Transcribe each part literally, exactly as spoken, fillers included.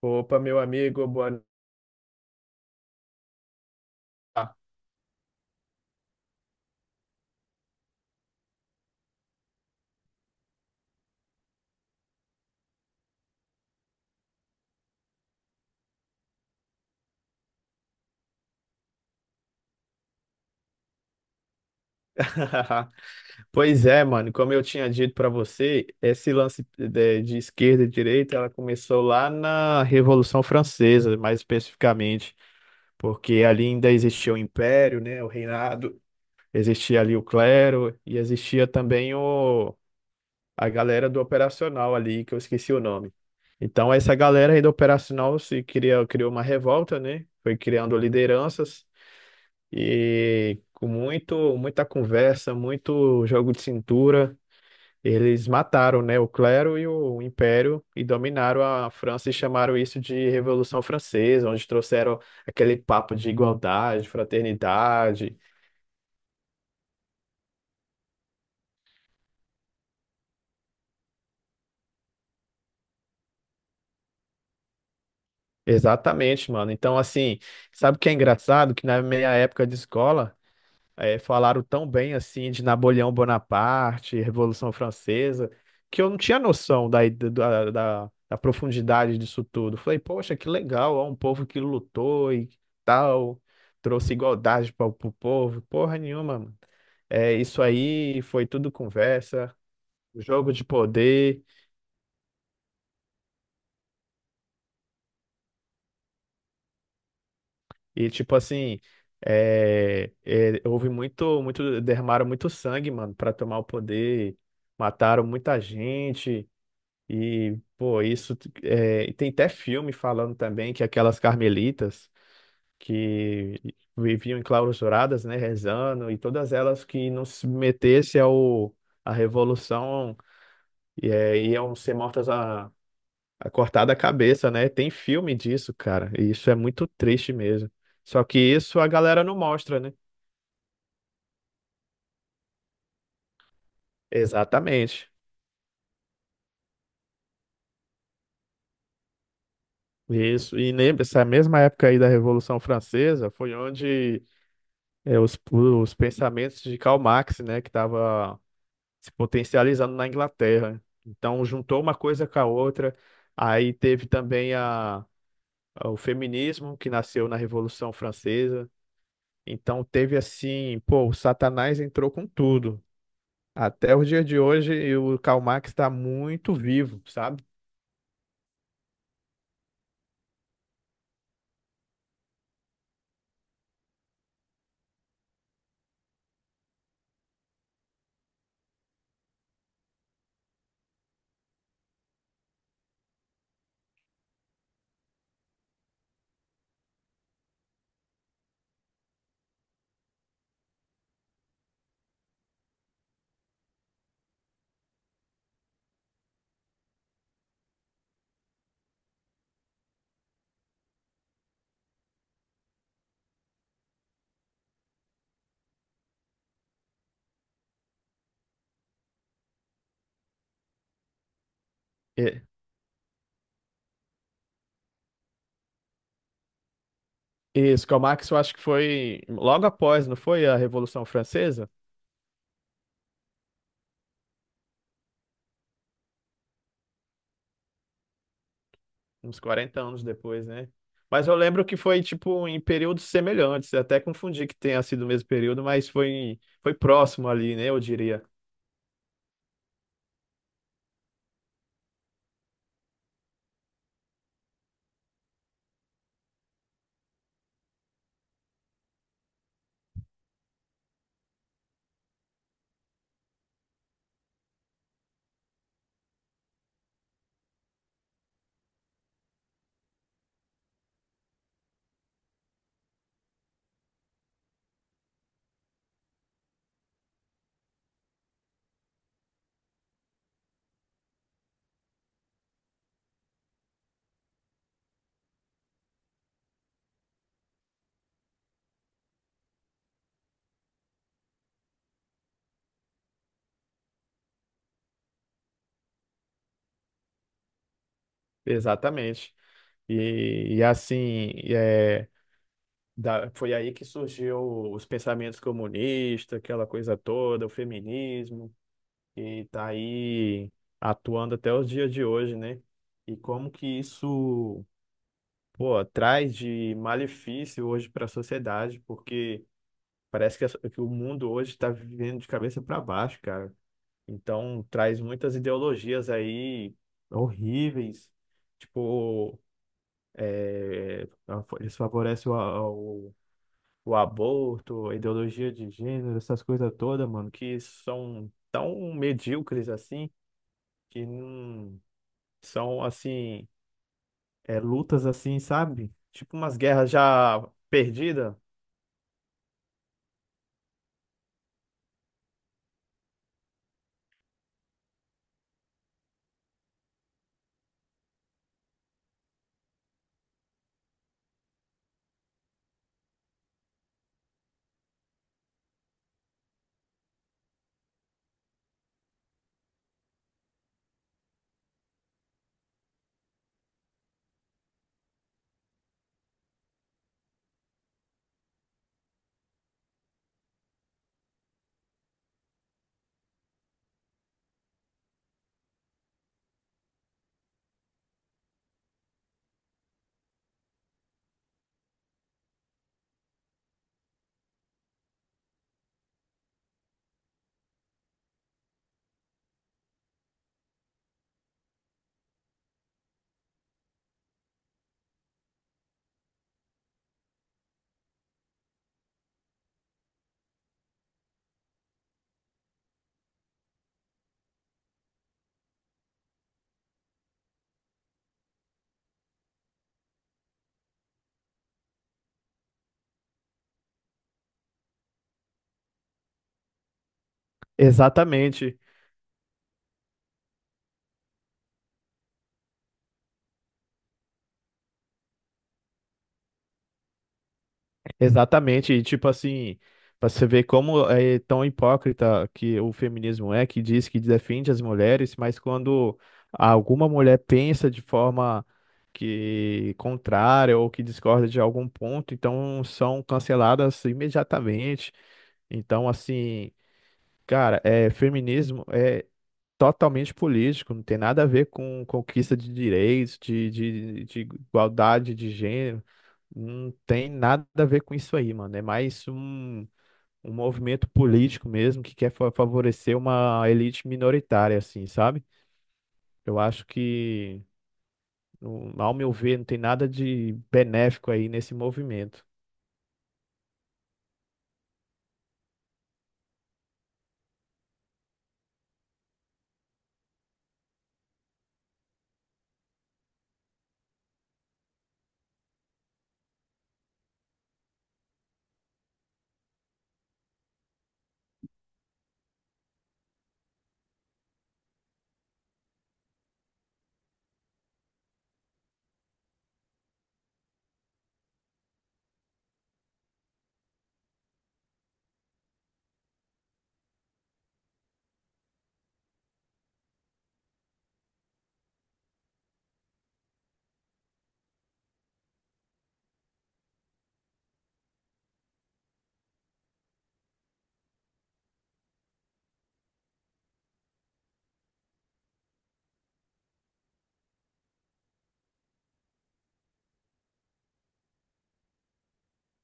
Opa, meu amigo, boa no- Ah. Pois é, mano, como eu tinha dito pra você, esse lance de, de esquerda e direita, ela começou lá na Revolução Francesa, mais especificamente, porque ali ainda existia o Império, né, o reinado, existia ali o clero e existia também o, a galera do operacional ali, que eu esqueci o nome. Então, essa galera aí do operacional se criou, criou uma revolta, né? Foi criando lideranças. E com muito, muita conversa, muito jogo de cintura, eles mataram, né, o clero e o império e dominaram a França e chamaram isso de Revolução Francesa, onde trouxeram aquele papo de igualdade, fraternidade. Exatamente, mano. Então, assim, sabe o que é engraçado? Que na minha época de escola, é, falaram tão bem assim de Napoleão Bonaparte, Revolução Francesa, que eu não tinha noção da, da, da, da profundidade disso tudo. Falei, poxa, que legal, ó, um povo que lutou e tal, trouxe igualdade para o povo. Porra nenhuma, mano. É, isso aí foi tudo conversa, jogo de poder e tipo assim. É, é, houve muito, muito, derramaram muito sangue, mano, para tomar o poder, mataram muita gente. E, pô, isso é, tem até filme falando também que aquelas carmelitas que viviam enclausuradas, né, rezando, e todas elas que não se submetessem ao, à revolução e, é, iam ser mortas a, a cortada a cabeça, né? Tem filme disso, cara, e isso é muito triste mesmo. Só que isso a galera não mostra, né? Exatamente. Isso. E lembra, essa mesma época aí da Revolução Francesa foi onde, é, os, os pensamentos de Karl Marx, né, que estava se potencializando na Inglaterra. Então, juntou uma coisa com a outra. Aí teve também a, a- o feminismo, que nasceu na Revolução Francesa. Então, teve assim, pô, o Satanás entrou com tudo. Até o dia de hoje, e o Karl Marx está muito vivo, sabe? É, isso, Karl Marx eu acho que foi logo após, não foi a Revolução Francesa? Uns quarenta anos depois, né? Mas eu lembro que foi, tipo, em períodos semelhantes. Eu até confundi que tenha sido o mesmo período, mas foi, foi próximo ali, né? Eu diria. Exatamente. E, e assim, é, da- foi aí que surgiu os pensamentos comunistas, aquela coisa toda, o feminismo, e tá aí atuando até os dias de hoje, né? E como que isso, pô, traz de malefício hoje para a sociedade, porque parece que, essa- que o mundo hoje está vivendo de cabeça para baixo, cara. Então, traz muitas ideologias aí horríveis. Tipo, é, eles favorecem o, a- o, o aborto, a ideologia de gênero, essas coisas todas, mano, que são tão medíocres assim, que não são assim, é, lutas assim, sabe? Tipo umas guerras já perdidas. Exatamente. Exatamente, e tipo assim, para você ver como é tão hipócrita que o feminismo é, que diz que defende as mulheres, mas quando alguma mulher pensa de forma que contrária ou que discorda de algum ponto, então são canceladas imediatamente. Então, assim, cara, é feminismo, é totalmente político, não tem nada a ver com conquista de direitos, de, de, de igualdade de gênero, não tem nada a ver com isso aí, mano. É mais um, um movimento político mesmo que quer fa- favorecer uma elite minoritária, assim, sabe? Eu acho que, no- ao meu ver, não tem nada de benéfico aí nesse movimento.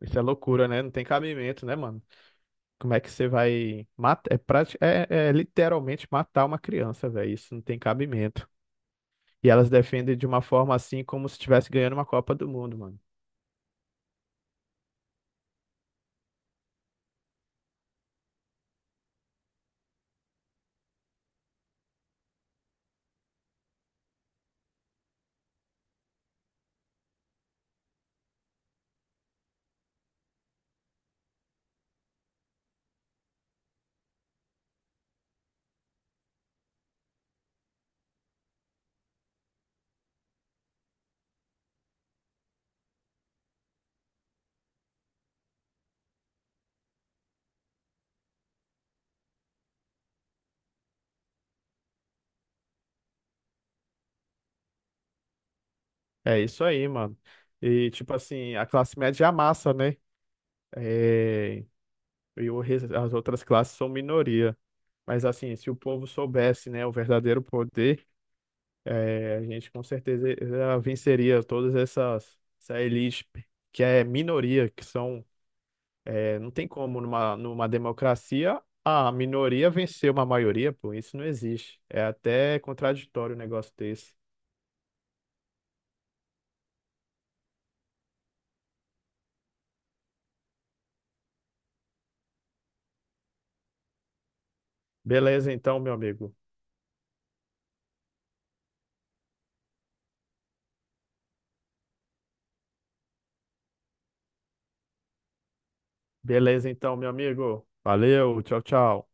Isso é loucura, né? Não tem cabimento, né, mano? Como é que você vai matar? É, prati- é, é literalmente matar uma criança, velho. Isso não tem cabimento. E elas defendem de uma forma assim como se estivesse ganhando uma Copa do Mundo, mano. É isso aí, mano. E tipo assim, a classe média é a massa, né? É, e o res- as outras classes são minoria. Mas assim, se o povo soubesse, né, o verdadeiro poder, é, a gente com certeza eh, venceria todas essas essa elite que é minoria, que são, é, não tem como numa, numa democracia a minoria vencer uma maioria, pô, isso não existe. É até contraditório um negócio desse. Beleza então, meu amigo. Beleza então, meu amigo. Valeu, tchau, tchau.